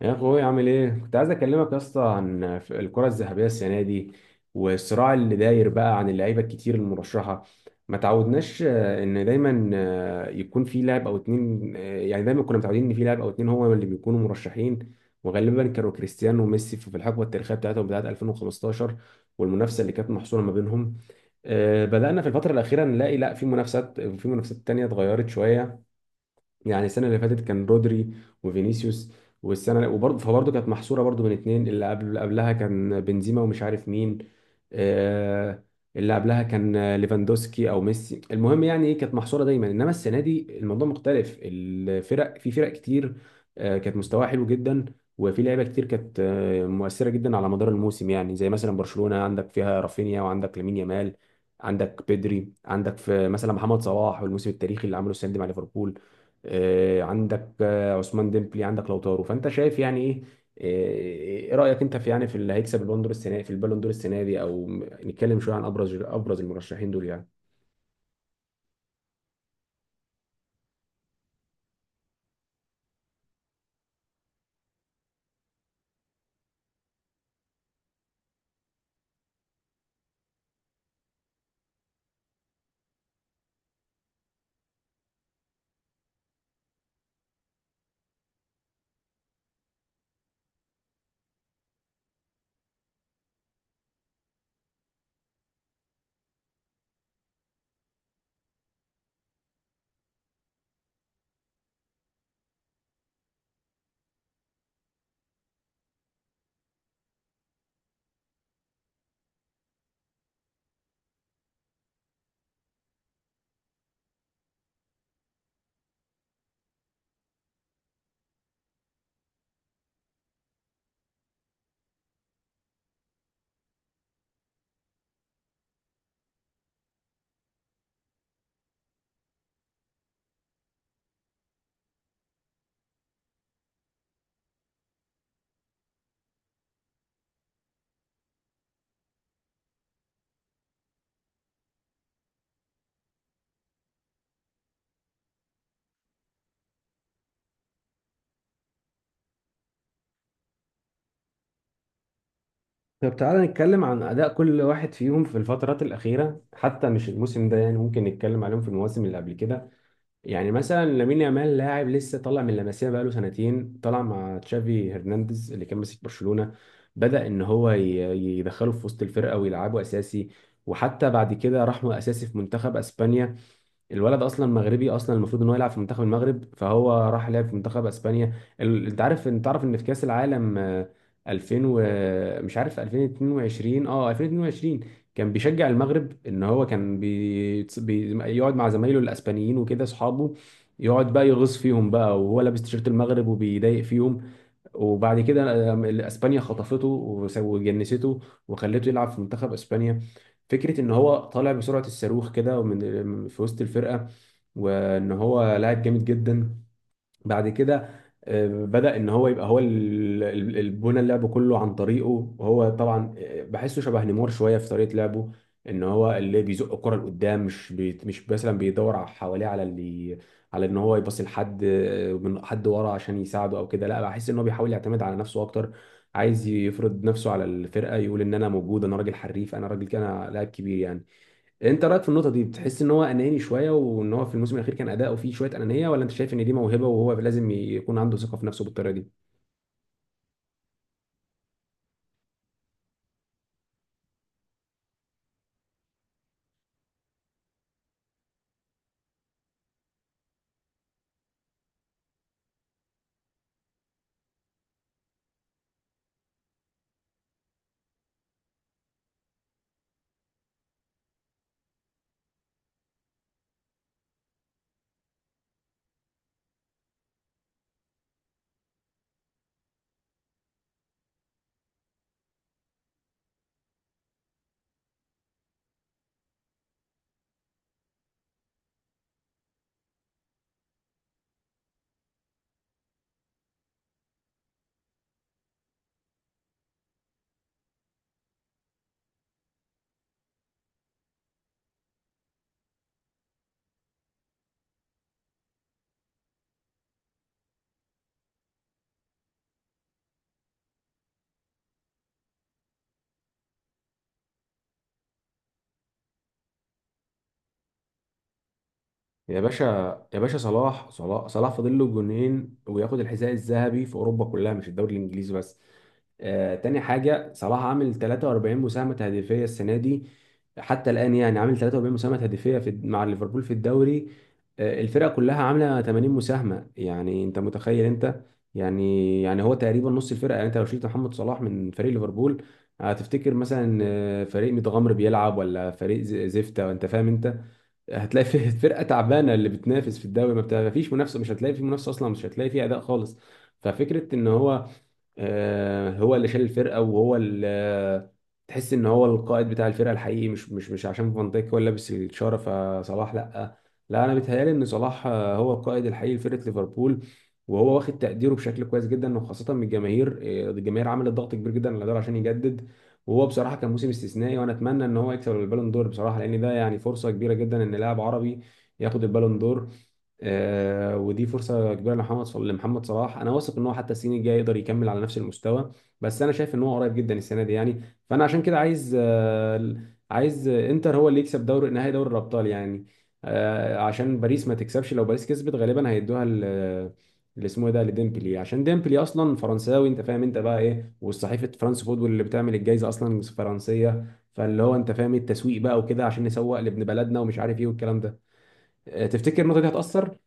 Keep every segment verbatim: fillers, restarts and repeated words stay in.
يا اخوي، عامل ايه؟ كنت عايز اكلمك يا اسطى عن ف- الكره الذهبيه السنه دي، والصراع اللي داير بقى عن اللعيبه الكتير المرشحه. ما تعودناش آه، ان دايما آه، يكون في لاعب او اتنين. آه، يعني دايما كنا متعودين ان في لاعب او اتنين هو اللي بيكونوا مرشحين. وغالبا كانوا كريستيانو وميسي في الحقبه التاريخيه بتاعتهم، بتاعت ألفين وخمستاشر، والمنافسه اللي كانت محصوره ما بينهم. آه، بدأنا في الفترة الأخيرة نلاقي لا، في منافسات في منافسات تانية اتغيرت شوية. يعني السنه اللي فاتت كان رودري وفينيسيوس، والسنه وبرضه فبرضه كانت محصوره برضه بين اتنين. اللي قبل اللي قبلها كان بنزيما ومش عارف مين. آه، اللي قبلها كان آه، ليفاندوسكي او ميسي. المهم يعني ايه، كانت محصوره دايما. انما السنه دي الموضوع مختلف، الفرق في فرق كتير، آه، كانت مستواها حلو جدا. وفي لعيبه كتير كانت آه، مؤثره جدا على مدار الموسم. يعني زي مثلا برشلونه، عندك فيها رافينيا وعندك لامين يامال، عندك بيدري، عندك في مثلا محمد صلاح والموسم التاريخي اللي عمله السنه دي مع ليفربول. آه، عندك آه، عثمان ديمبلي، عندك لوتارو. فانت شايف يعني ايه؟ ايه إيه رايك انت في، يعني، في اللي هيكسب البالون دور السنه، في البالون دور السنه دي؟ او م- نتكلم شويه عن ابرز ابرز المرشحين دول يعني. طب تعالى نتكلم عن اداء كل واحد فيهم في الفترات الاخيره، حتى مش الموسم ده يعني، ممكن نتكلم عليهم في المواسم اللي قبل كده. يعني مثلا لامين يامال لاعب لسه طالع من لاماسيا بقاله سنتين، طالع مع تشافي هرنانديز اللي كان ماسك برشلونة. بدأ ان هو ي- يدخله في وسط الفرقة ويلعبه اساسي. وحتى بعد كده راح اساسي في منتخب اسبانيا. الولد اصلا مغربي، اصلا المفروض ان هو يلعب في منتخب المغرب، فهو راح لعب في منتخب اسبانيا. ال- انت عارف انت عارف ان في كاس العالم، آه، ألفين و... مش عارف، ألفين واتنين وعشرين، اه، ألفين واتنين وعشرين كان بيشجع المغرب. ان هو كان بي... بي... يقعد مع زمايله الاسبانيين وكده اصحابه. يقعد بقى يغص فيهم بقى، وهو لابس تيشيرت المغرب وبيضايق فيهم. وبعد كده آه، اسبانيا خطفته وس- وجنسته. وخلته يلعب في منتخب اسبانيا. فكره ان هو طالع بسرعه الصاروخ كده ومن في وسط الفرقه، وان هو لاعب جامد جدا. بعد كده آه، بدأ ان هو يبقى هو ال- ال- البنى اللعب كله عن طريقه. وهو طبعا آه، بحسه شبه نيمار شويه في طريقه لعبه. ان هو اللي بيزق الكره لقدام، مش بي مش مثلا بيدور على- حواليه على اللي، على ان هو يباصي لحد آه، من حد ورا عشان يساعده او كده. لا، بحس ان هو بيحاول يعتمد على نفسه اكتر. عايز يفرض نفسه على الفرقه، يقول ان انا موجود، انا راجل حريف، انا راجل كده، انا لاعب كبير يعني. انت رايك في النقطه دي، بتحس ان هو اناني شويه وان هو في الموسم الاخير كان اداؤه فيه شويه انانيه؟ ولا انت شايف ان دي موهبه وهو لازم يكون عنده ثقه في نفسه بالطريقه دي؟ يا باشا، يا باشا، صلاح، صلاح، صلاح فاضل له جونين وياخد الحذاء الذهبي في اوروبا كلها مش الدوري الانجليزي بس. آه تاني حاجه، صلاح عامل تلاتة وأربعين مساهمه هدفيه السنه دي. حتى الان، يعني عامل ثلاثة وأربعين مساهمه هدفيه في مع ليفربول في الدوري. آه الفرقه كلها عامله تمانين مساهمه. يعني انت متخيل انت؟ يعني يعني هو تقريبا نص الفرقه. يعني انت لو شلت محمد صلاح من فريق ليفربول، هتفتكر مثلا آه، فريق متغمر بيلعب ولا فريق ز- زفته؟ انت فاهم انت؟ هتلاقي فيه فرقه تعبانه. اللي بتنافس في الدوري ما بت- ما فيش منافسه، مش هتلاقي في منافسه اصلا، مش هتلاقي في اداء خالص. ففكره ان هو آه، هو اللي شال الفرقه، وهو اللي تحس ان هو القائد بتاع الفرقه الحقيقي. مش مش مش عشان فان دايك هو اللي لابس الشاره فصلاح لا. لا، انا بيتهيالي ان صلاح آه، هو القائد الحقيقي لفرقه ليفربول. وهو واخد تقديره بشكل كويس جدا، وخاصه من الجماهير. آه، الجماهير عملت ضغط كبير جدا على دول عشان يجدد. وهو بصراحه كان موسم استثنائي، وانا اتمنى ان هو يكسب البالون دور بصراحه، لان ده يعني فرصه كبيره جدا ان لاعب عربي ياخد البالون دور. آه، ودي فرصه كبيره لمحمد صل- لمحمد صلاح. انا واثق ان هو حتى السنين الجايه يقدر يكمل على نفس المستوى. بس انا شايف ان هو قريب جدا السنه دي يعني. فانا عشان كده عايز آه، عايز انتر هو اللي يكسب دوري نهائي دوري الابطال يعني. آه، عشان باريس ما تكسبش. لو باريس كسبت، غالبا هيدوها ل- اللي اسمه إيه ده، لديمبلي، عشان ديمبلي اصلا فرنساوي. انت فاهم انت بقى ايه؟ والصحيفه فرانس فوتبول اللي بتعمل الجائزه اصلا فرنسيه. فاللي هو انت فاهم إيه، التسويق بقى وكده، عشان نسوق لابن بلدنا ومش عارف ايه والكلام ده. آه، تفتكر النقطه دي هتاثر؟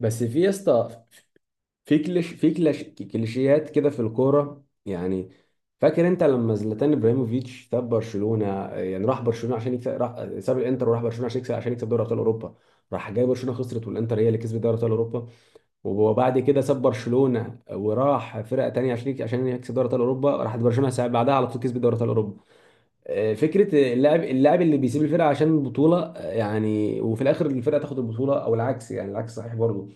بس في يا اسطى، في كليش في كليش كليشيهات كده في الكوره يعني. فاكر انت لما زلاتان ابراهيموفيتش ساب برشلونه؟ يعني راح برشلونه عشان يكسب، راح ساب الانتر وراح برشلونه عشان يكسب عشان يكسب دوري ابطال اوروبا. راح جاي برشلونه خسرت، والانتر هي اللي كسبت دوري ابطال اوروبا. وبعد كده ساب برشلونه وراح فرقه تانيه عشان يك- عشان يكسب دوري ابطال اوروبا. راحت برشلونه ساعة- بعدها على طول كسبت دوري ابطال اوروبا. آه، فكره اللاعب، اللاعب اللي بيسيب الفرقه عشان البطوله، آه، يعني وفي الاخر الفرقه تاخد البطوله. او العكس يعني، العكس صحيح برضه.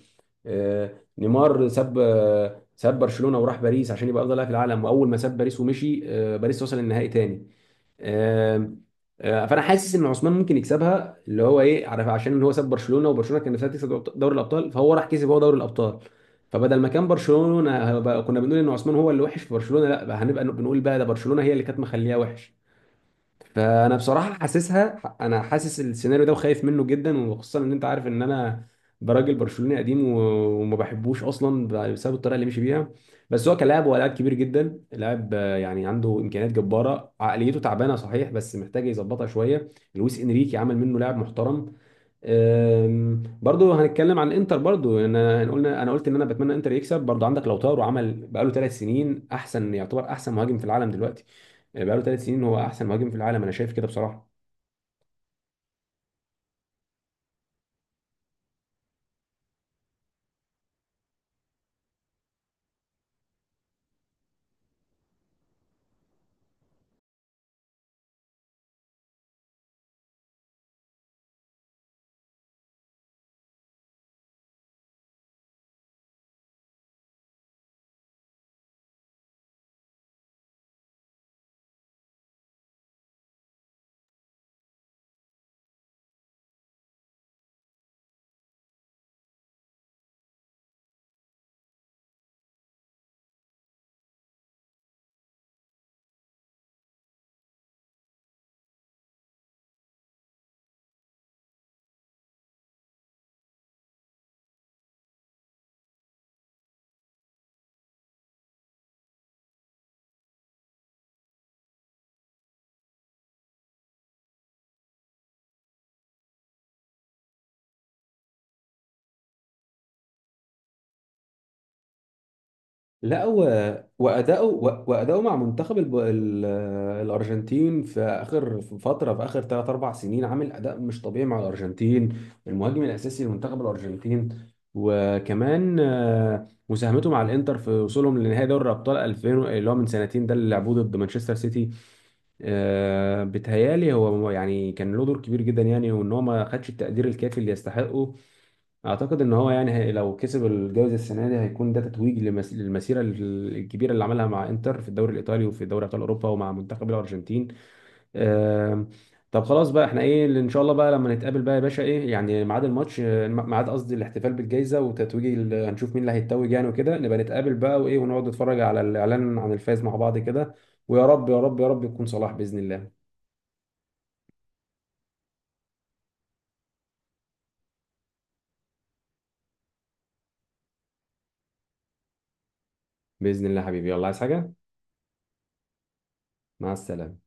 آه، نيمار ساب آه، ساب برشلونه وراح باريس عشان يبقى افضل لاعب في العالم. واول ما ساب باريس ومشي، آه، باريس وصل النهائي تاني. آه، آه، فانا حاسس ان عثمان ممكن يكسبها. اللي هو ايه، عارف، عشان هو ساب برشلونه وبرشلونه كان نفسها تكسب دوري الابطال، فهو راح كسب هو دوري الابطال. فبدل ما كان برشلونه، بقى- كنا بنقول ان عثمان هو اللي وحش في برشلونه، لا، بقى هنبقى بنقول بقى ده برشلونه هي اللي كانت مخليها وحش. فانا بصراحه حاسسها، انا حاسس السيناريو ده وخايف منه جدا. وخصوصا ان انت عارف ان انا براجل برشلوني قديم و- وما بحبوش اصلا بسبب الطريقه اللي مشي بيها. بس هو كلاعب هو لاعب كبير جدا، لاعب آه، يعني عنده امكانيات جباره. عقليته تعبانه صحيح بس محتاج يظبطها شويه. لويس انريكي عمل منه لاعب محترم. أم، برضو هنتكلم عن انتر. برضو ان انا قلنا انا قلت ان انا بتمنى انتر يكسب. برضو عندك لوتارو، عمل بقاله ثلاث سنين احسن يعتبر احسن مهاجم في العالم دلوقتي. أه، بقاله ثلاث سنين هو احسن مهاجم في العالم، انا شايف كده بصراحة. لا، و- وأداؤه و- وأداؤه مع منتخب الب... ال- الأرجنتين في آخر في فترة في آخر ثلاث أربع سنين عامل أداء مش طبيعي مع الأرجنتين. المهاجم الأساسي لمنتخب الأرجنتين. وكمان آه، مساهمته مع الإنتر في وصولهم لنهائي دوري الأبطال ألفين، اللي هو من سنتين ده اللي لعبوه ضد مانشستر سيتي. آه، بتهيالي هو هو يعني كان له دور كبير جدا يعني. وإن هو ما خدش التقدير الكافي اللي يستحقه. اعتقد ان هو يعني هي لو كسب الجائزه السنه دي هيكون ده تتويج لمس... للمسيره ال- الكبيره اللي عملها مع انتر في الدوري الايطالي وفي دوري ابطال اوروبا ومع منتخب الارجنتين. آم، طب خلاص بقى، احنا ايه اللي ان شاء الله بقى لما نتقابل بقى يا باشا، ايه يعني ميعاد الماتش، آه، ميعاد قصدي الاحتفال بالجائزه وتتويج ال- هنشوف مين اللي هيتوج يعني، وكده نبقى نتقابل بقى وايه ونقعد نتفرج على الاعلان عن الفايز مع بعض كده. ويا رب، يا رب، يا رب يكون صلاح باذن الله. باذن الله حبيبي يلا عايز حاجه مع السلامه